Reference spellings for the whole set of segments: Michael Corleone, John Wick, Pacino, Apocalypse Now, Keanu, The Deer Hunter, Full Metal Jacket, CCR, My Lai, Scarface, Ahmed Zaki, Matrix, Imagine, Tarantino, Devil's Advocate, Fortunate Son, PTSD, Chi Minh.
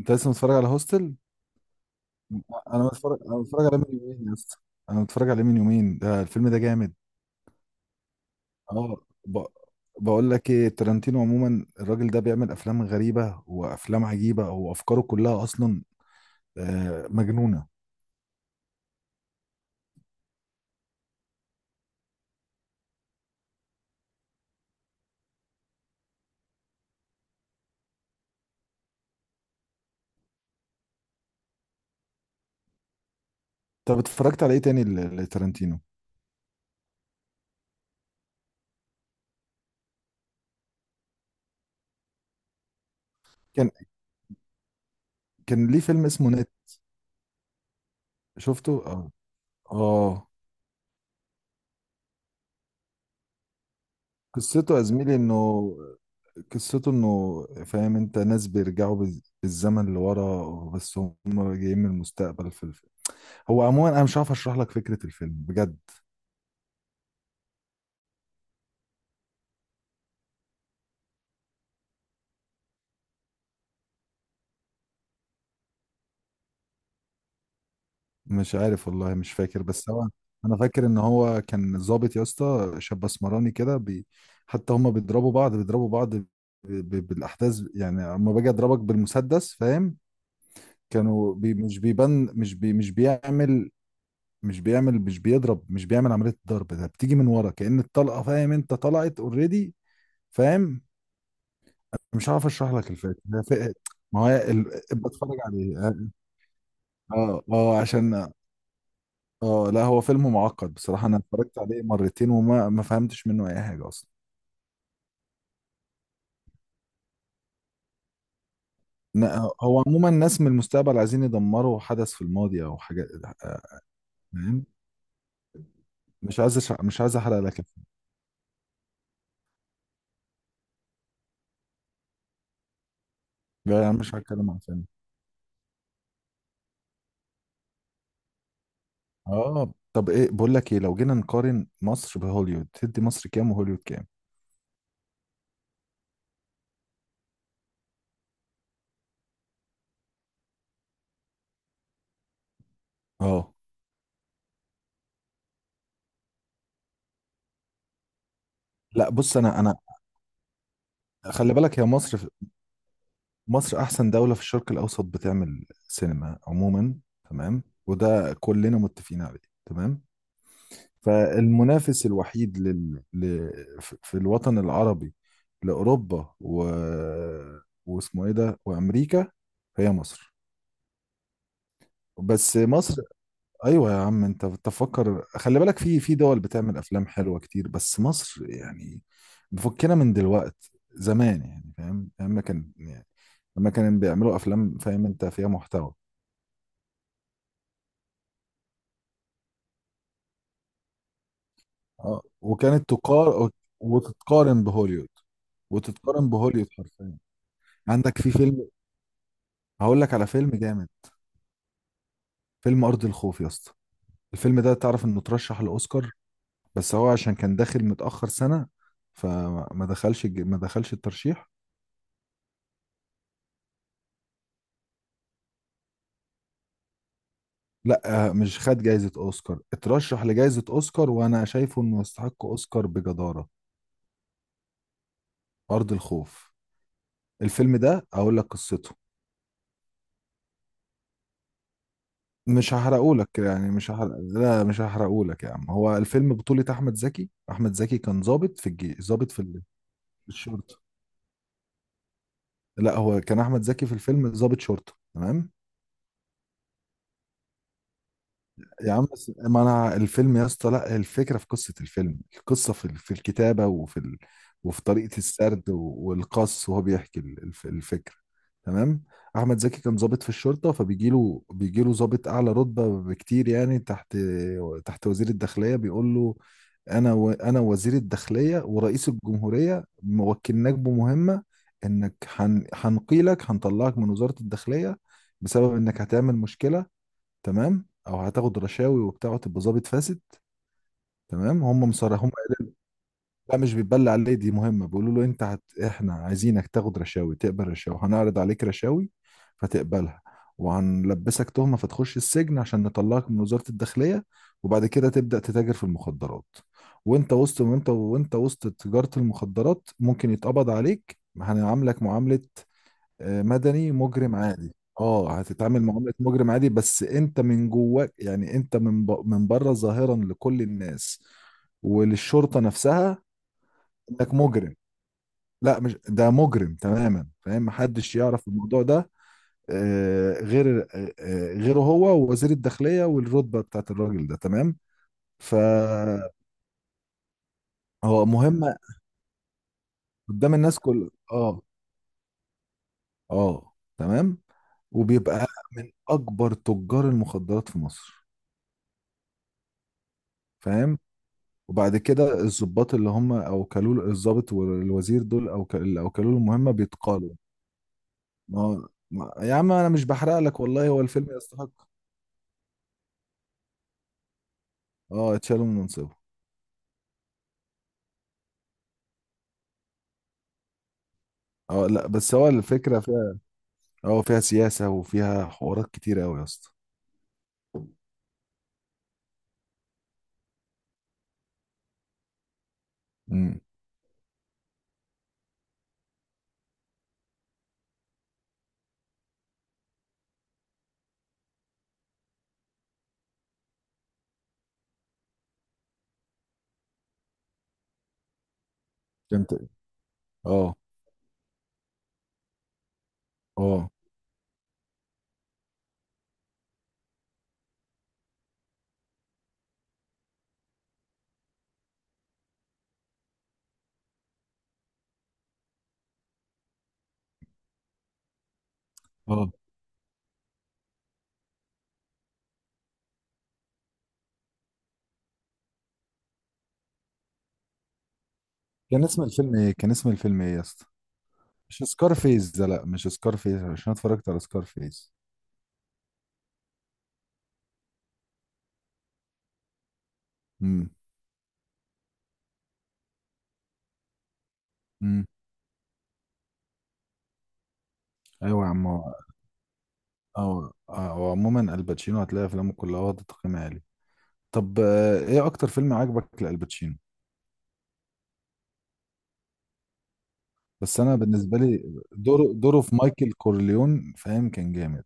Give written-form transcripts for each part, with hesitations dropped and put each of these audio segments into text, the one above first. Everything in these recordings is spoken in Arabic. انت لسه متفرج على هوستل؟ انا متفرج عليه من يومين يا اسطى. انا متفرج عليه من يومين، ده الفيلم ده جامد. اه ب... بقول لك ايه، تارانتينو عموما الراجل ده بيعمل افلام غريبه وافلام عجيبه وافكاره كلها اصلا مجنونه. طب اتفرجت على ايه تاني لتارانتينو؟ كان كان ليه فيلم اسمه نت. شفته؟ اه، اه. قصته يا زميلي انه قصته انه فاهم، انت ناس بيرجعوا بالزمن لورا، بس هم جايين من المستقبل هو عموما انا مش عارف اشرح لك فكره الفيلم بجد. مش عارف والله، مش فاكر بس هو انا فاكر ان هو كان ضابط يا اسطى، شاب اسمراني كده حتى هما بيضربوا بعض، بالاحداث يعني، اما باجي اضربك بالمسدس، فاهم؟ مش بيبان، مش بي... مش بيعمل مش بيعمل مش بيضرب مش بيعمل عمليه الضرب، ده بتيجي من ورا كأن الطلقه، فاهم انت؟ طلعت اوريدي. فاهم؟ مش عارف اشرح لك الفكره، هي ما هو بتفرج عليه. اه، اه عشان اه لا، هو فيلم معقد بصراحة، انا اتفرجت عليه مرتين وما ما فهمتش منه اي حاجة اصلا. ن- هو عموما الناس من المستقبل عايزين يدمروا حدث في الماضي او حاجة. آه، فاهم. مش عايز مش عايز احرق لك الفيلم. لا، يعني مش هتكلم عن فيلم. اه طب، ايه بقول لك ايه، لو جينا نقارن مصر بهوليوود تدي مصر كام وهوليوود كام؟ اه لا بص، انا خلي بالك، هي مصر، مصر احسن دولة في الشرق الاوسط بتعمل سينما عموما، تمام؟ وده كلنا متفقين عليه، تمام. فالمنافس الوحيد في الوطن العربي لأوروبا واسمه ايه ده وأمريكا، هي مصر. بس مصر. ايوه يا عم، انت تفكر خلي بالك، في دول بتعمل افلام حلوه كتير، بس مصر يعني مفكنا من دلوقت زمان يعني، فاهم؟ لما كان يعني لما كانوا بيعملوا افلام، فاهم انت، فيها محتوى. اه، وكانت تقار وتتقارن بهوليوود. وتتقارن بهوليوود حرفيا. عندك في فيلم، هقول لك على فيلم جامد. فيلم أرض الخوف يا اسطى، الفيلم ده تعرف انه ترشح لأوسكار، بس هو عشان كان داخل متأخر سنة، فما دخلش ما دخلش الترشيح. لا مش خد جايزة أوسكار، اترشح لجايزة أوسكار، وأنا شايفه انه يستحق أوسكار بجدارة. أرض الخوف. الفيلم ده أقول لك قصته. مش هحرقهولك يعني، مش هحرق، لا مش هحرقهولك يا عم. هو الفيلم بطولة أحمد زكي، أحمد زكي كان ضابط ضابط في الشرطة. لا هو كان أحمد زكي في الفيلم ضابط شرطة، تمام. يا عم بس، ما انا الفيلم يا اسطى، لا الفكره في قصه الفيلم، القصه في الكتابه وفي طريقه السرد والقص، وهو بيحكي الفكره، تمام؟ احمد زكي كان ضابط في الشرطه، فبيجي له بيجي له ضابط اعلى رتبه بكتير، يعني تحت وزير الداخليه بيقول له: انا انا وزير الداخليه ورئيس الجمهوريه موكلناك بمهمه، انك هنقيلك، هنطلعك من وزاره الداخليه بسبب انك هتعمل مشكله، تمام؟ او هتاخد رشاوي وبتاع وتبقى ظابط فاسد، تمام؟ هم مصرح، هم قالوا. لا مش بتبلع ليه، دي مهمه. بيقولوا له: انت احنا عايزينك تاخد رشاوي، تقبل رشاوي، هنعرض عليك رشاوي فتقبلها، وهنلبسك تهمه فتخش السجن عشان نطلعك من وزاره الداخليه، وبعد كده تبدا تتاجر في المخدرات، وانت وسط، وانت وسط تجاره المخدرات ممكن يتقبض عليك، هنعاملك معامله مدني مجرم عادي. اه هتتعامل معاملة مجرم عادي، بس انت من جواك يعني، انت من بره ظاهرا لكل الناس وللشرطة نفسها، انك مجرم. لا مش ده، مجرم تماما، فاهم؟ محدش يعرف الموضوع ده غير غيره هو ووزير الداخلية والرتبة بتاعت الراجل ده، تمام. فهو مهمة قدام الناس كل، اه، اه، تمام. وبيبقى من اكبر تجار المخدرات في مصر، فاهم؟ وبعد كده الضباط اللي هم الضابط والوزير دول او اللي اوكلوا له المهمه بيتقالوا. يا عم انا مش بحرق لك والله، هو الفيلم يستحق. اه، اتشالوا من منصبه. اه لا بس هو الفكره فيها، اه فيها سياسه وفيها حوارات كتير قوي يا اسطى. امم، فهمت. اه، اه، اه. كان اسم الفيلم ايه، كان اسم الفيلم ايه يا اسطى؟ مش سكار فيس ده؟ لا مش سكار فيس، عشان أنا اتفرجت على سكار فيس. امم، امم. ايوه يا عم، اه وعموما الباتشينو هتلاقي افلامه كلها واخده تقييم عالي. طب ايه اكتر فيلم عجبك لالباتشينو؟ بس انا بالنسبه لي، دوره دوره في مايكل كورليون، فاهم؟ كان جامد.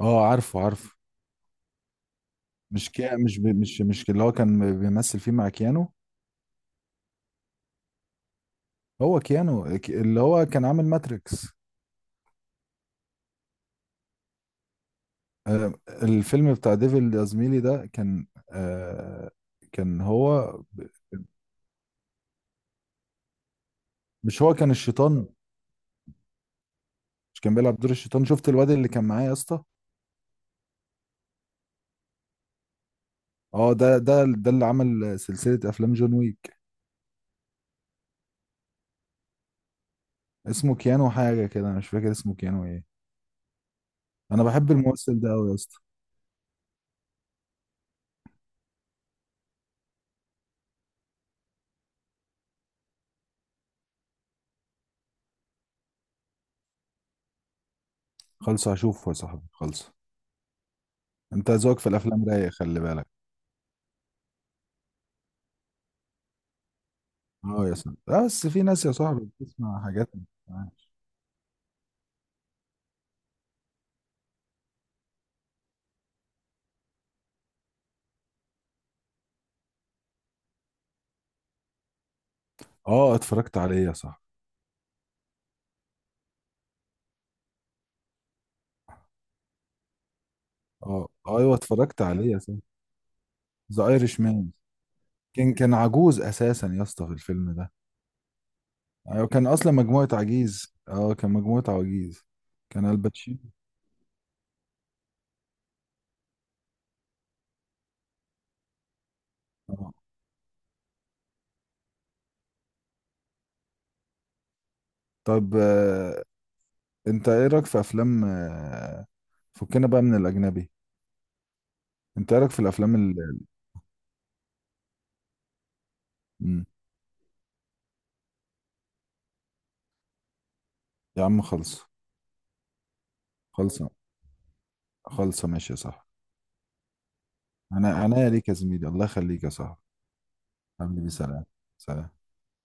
اه عارفه، عارفه. مش كي مش بي- مش مش اللي هو كان بيمثل فيه مع كيانو؟ هو كيانو اللي هو كان عامل ماتريكس. آه، الفيلم بتاع ديفيد يا زميلي ده كان كان هو، مش هو كان الشيطان؟ مش كان بيلعب دور الشيطان؟ شفت الواد اللي كان معايا يا اسطى؟ اه ده اللي عمل سلسله افلام جون ويك. اسمه كيانو حاجه كده، أنا مش فاكر اسمه كيانو ايه. انا بحب الممثل ده قوي يا اسطى. خلص هشوفه يا صاحبي، خلص. انت ذوقك في الافلام رايق، خلي بالك. اه يا صاحبي، بس في ناس يا صاحبي بتسمع حاجات ما بتسمعهاش. اه اتفرجت عليه يا صاحبي. اه ايوه اتفرجت عليه يا صاحبي. ذا ايرش مان، كان عجوز اساسا يا اسطى في الفيلم ده. ايوه كان اصلا مجموعه عجيز، اه كان مجموعه عجيز، كان الباتشينو. اه طب انت ايه رايك في افلام فكنا بقى من الاجنبي. انت ايه رايك في الافلام ال...؟ مم. يا عم خلص. خلص. خلصة، ماشي يا صاحبي. انا ليك يا زميلي، الله يخليك يا صاحبي. حبيبي سلام. سلام.